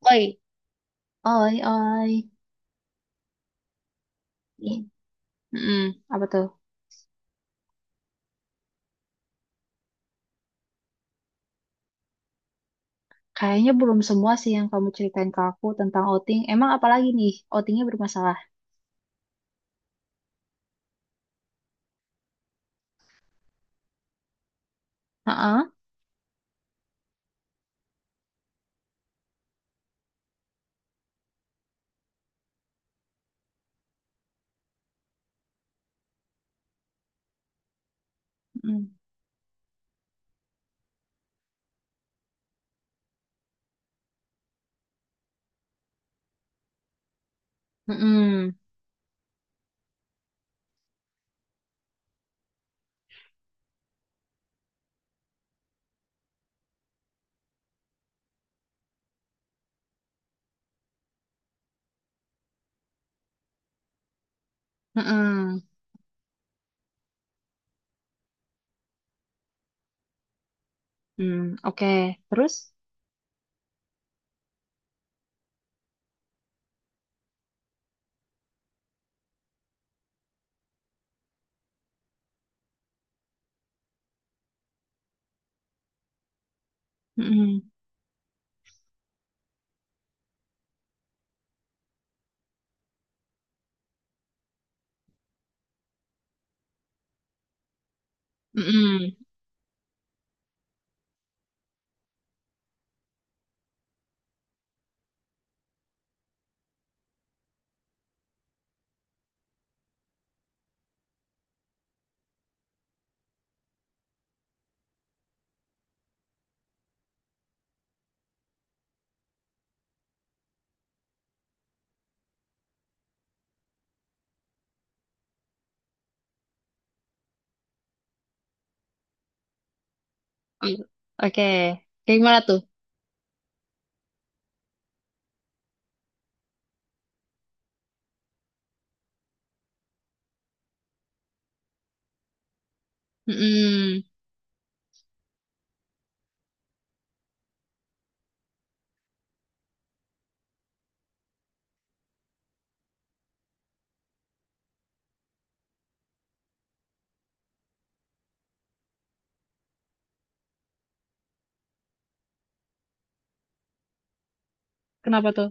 Oi, oi, oi. Ih, mm-mm. Apa tuh? Kayaknya belum semua sih yang kamu ceritain ke aku tentang outing. Emang apalagi nih? Outingnya bermasalah. Heeh. Mm-mm. Mm-mm. Mm-mm. Mm, oke. Terus? Mm-mm. Mm-mm. Mm, oke. Kayak gimana tuh? Mm-mm. Kenapa tuh?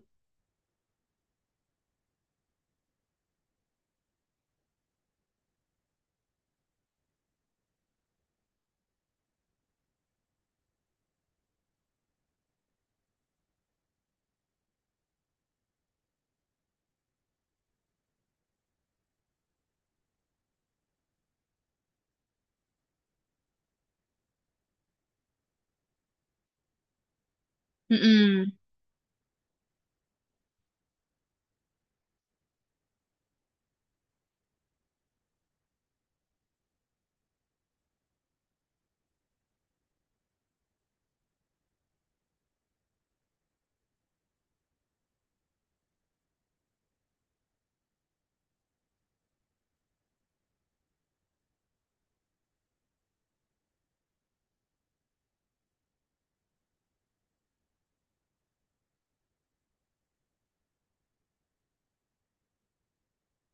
Mm-mm.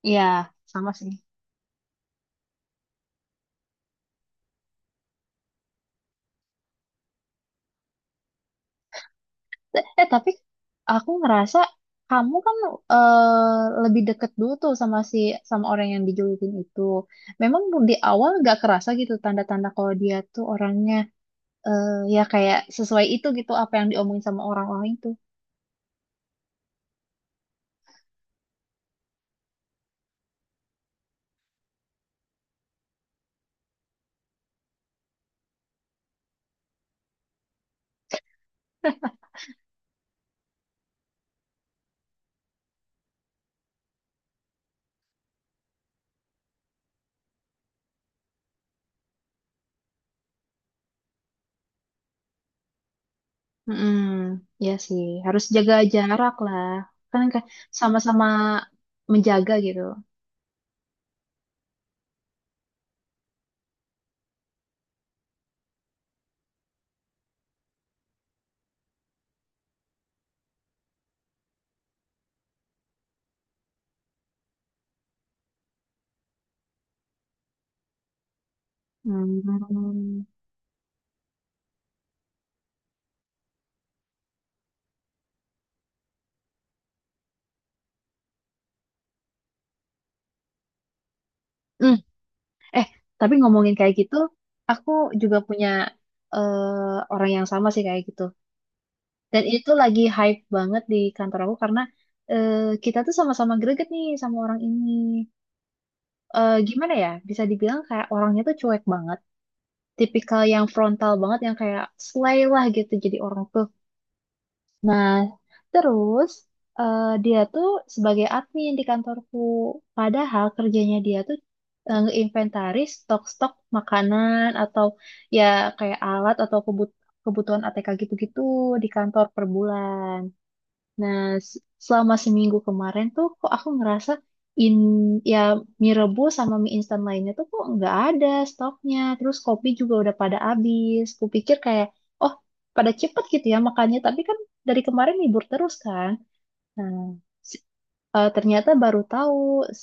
Iya, sama sih. Tapi aku ngerasa kamu kan lebih deket dulu tuh sama sama orang yang dijulukin itu. Memang di awal nggak kerasa gitu tanda-tanda kalau dia tuh orangnya ya kayak sesuai itu gitu apa yang diomongin sama orang-orang itu. Hmm, ya sih harus jaga jarak lah. Kan kan sama-sama menjaga gitu. Hmm. Hmm. Eh, tapi ngomongin kayak gitu, aku juga punya orang yang sama sih kayak gitu. Dan itu lagi hype banget di kantor aku karena eh, kita tuh sama-sama greget nih sama orang ini. Gimana ya? Bisa dibilang kayak orangnya tuh cuek banget. Tipikal yang frontal banget yang kayak slay lah gitu jadi orang tuh. Nah, terus dia tuh sebagai admin di kantorku. Padahal kerjanya dia tuh ngeinventaris stok-stok makanan atau ya kayak alat atau kebutuhan ATK gitu-gitu di kantor per bulan. Nah, s- selama seminggu kemarin tuh kok aku ngerasa in ya mie rebus sama mie instan lainnya tuh kok nggak ada stoknya. Terus kopi juga udah pada habis. Kupikir kayak, oh pada cepet gitu ya makannya. Tapi kan dari kemarin libur terus kan. Nah, si ternyata baru tahu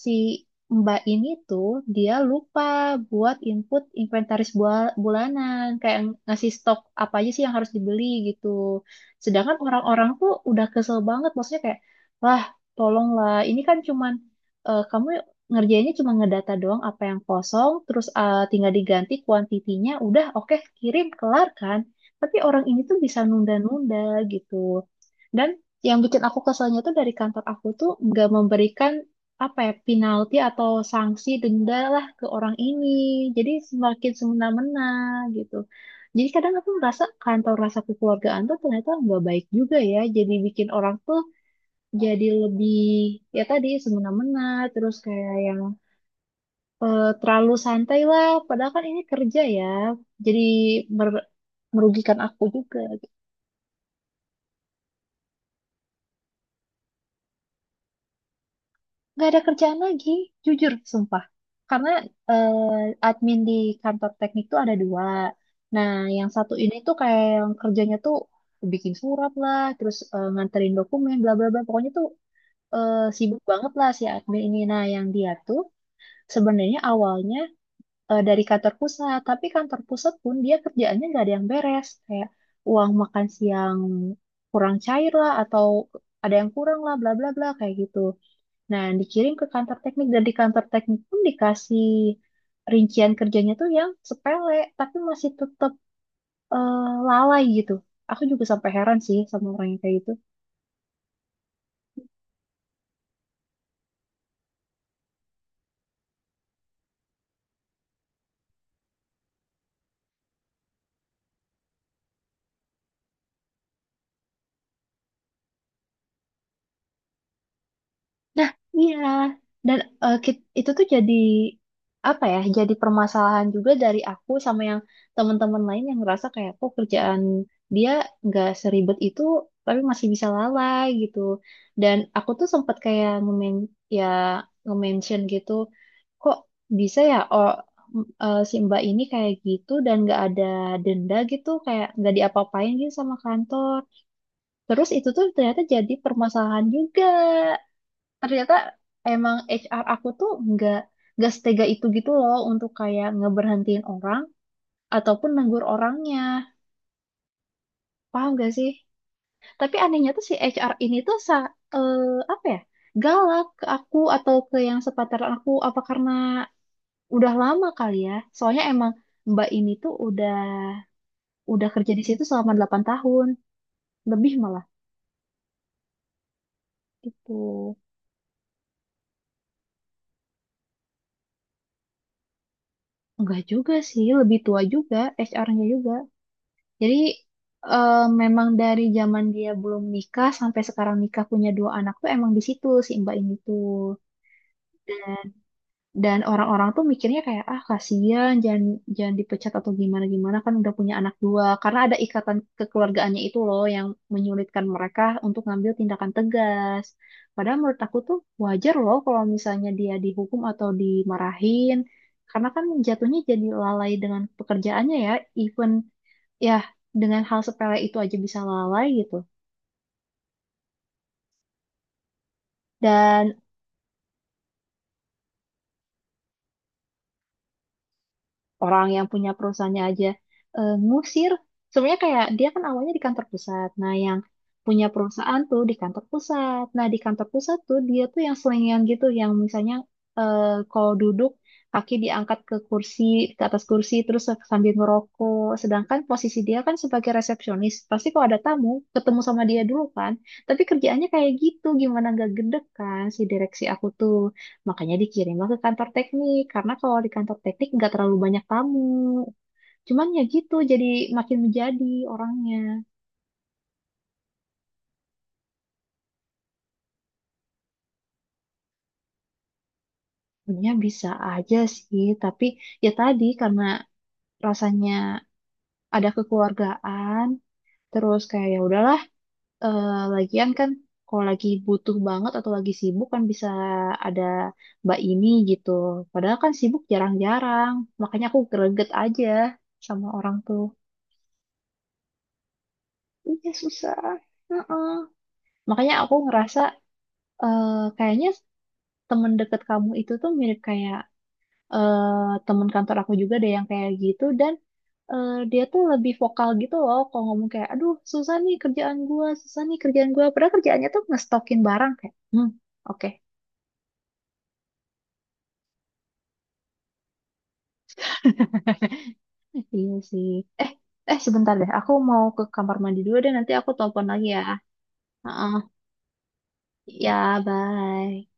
si Mbak ini tuh dia lupa buat input inventaris bulanan, kayak ngasih stok apa aja sih yang harus dibeli gitu. Sedangkan orang-orang tuh udah kesel banget, maksudnya kayak, lah tolonglah, ini kan cuman kamu ngerjainnya cuma ngedata doang apa yang kosong, terus tinggal diganti kuantitinya, udah oke kirim kelar kan. Tapi orang ini tuh bisa nunda-nunda gitu. Dan yang bikin aku keselnya tuh dari kantor aku tuh nggak memberikan apa ya penalti atau sanksi denda lah ke orang ini, jadi semakin semena-mena gitu. Jadi kadang aku merasa kantor rasa kekeluargaan tuh ternyata nggak baik juga ya, jadi bikin orang tuh jadi lebih, ya tadi, semena-mena. Terus kayak yang terlalu santai lah, padahal kan ini kerja ya, jadi mer- merugikan aku juga. Nggak ada kerjaan lagi, jujur, sumpah. Karena admin di kantor teknik tuh ada dua. Nah, yang satu ini tuh kayak yang kerjanya tuh bikin surat lah, terus nganterin dokumen, bla bla bla. Pokoknya tuh sibuk banget lah si admin ini. Nah, yang dia tuh sebenarnya awalnya dari kantor pusat, tapi kantor pusat pun dia kerjaannya nggak ada yang beres. Kayak uang makan siang kurang cair lah, atau ada yang kurang lah, bla bla bla kayak gitu. Nah, dikirim ke kantor teknik dan di kantor teknik pun dikasih rincian kerjanya tuh yang sepele, tapi masih tetap lalai gitu. Aku juga sampai heran sih sama orang yang kayak gitu. Nah, iya. Dan itu tuh jadi apa ya? Jadi permasalahan juga dari aku sama yang teman-teman lain yang ngerasa kayak kok kerjaan dia nggak seribet itu, tapi masih bisa lalai gitu. Dan aku tuh sempat kayak ya nge-mention gitu, kok bisa ya, oh, si Mbak ini kayak gitu dan nggak ada denda gitu kayak nggak diapa-apain gitu sama kantor. Terus itu tuh ternyata jadi permasalahan juga. Ternyata emang HR aku tuh nggak setega itu gitu loh untuk kayak ngeberhentiin orang ataupun negur orangnya, paham gak sih. Tapi anehnya tuh si HR ini tuh eh, apa ya, galak ke aku atau ke yang sepantaran aku. Apa karena udah lama kali ya. Soalnya emang Mbak ini tuh udah kerja di situ selama 8 tahun, lebih malah gitu. Enggak juga sih, lebih tua juga HR-nya juga. Jadi eh, memang dari zaman dia belum nikah sampai sekarang nikah punya dua anak tuh emang di situ si Mbak ini tuh. Dan orang-orang tuh mikirnya kayak ah kasihan jangan jangan dipecat atau gimana gimana kan udah punya anak dua karena ada ikatan kekeluargaannya itu loh yang menyulitkan mereka untuk ngambil tindakan tegas. Padahal menurut aku tuh wajar loh kalau misalnya dia dihukum atau dimarahin karena kan jatuhnya jadi lalai dengan pekerjaannya ya, even ya dengan hal sepele itu aja bisa lalai gitu. Dan orang yang punya perusahaannya aja ngusir. Sebenarnya kayak dia kan awalnya di kantor pusat. Nah, yang punya perusahaan tuh di kantor pusat. Nah, di kantor pusat tuh dia tuh yang selingan gitu, yang misalnya eh, kalau duduk kaki diangkat ke kursi, ke atas kursi, terus sambil ngerokok. Sedangkan posisi dia kan sebagai resepsionis, pasti kalau ada tamu ketemu sama dia dulu kan. Tapi kerjaannya kayak gitu, gimana nggak gede kan si direksi aku tuh. Makanya dikirimlah ke kantor teknik, karena kalau di kantor teknik nggak terlalu banyak tamu. Cuman ya gitu, jadi makin menjadi orangnya. Sebenarnya bisa aja sih, tapi ya tadi karena rasanya ada kekeluargaan, terus kayak ya udahlah, lagian kan kalau lagi butuh banget atau lagi sibuk kan bisa ada mbak ini gitu. Padahal kan sibuk jarang-jarang, makanya aku greget aja sama orang tuh. Iya susah. Heeh. Makanya aku ngerasa eh, kayaknya temen deket kamu itu tuh mirip kayak temen kantor aku juga deh yang kayak gitu dan dia tuh lebih vokal gitu loh kalau ngomong kayak aduh susah nih kerjaan gua, susah nih kerjaan gua. Padahal kerjaannya tuh ngestokin barang kayak oke. Iya sih. Eh sebentar deh aku mau ke kamar mandi dulu deh, nanti aku telepon lagi ya. Heeh. Ya bye.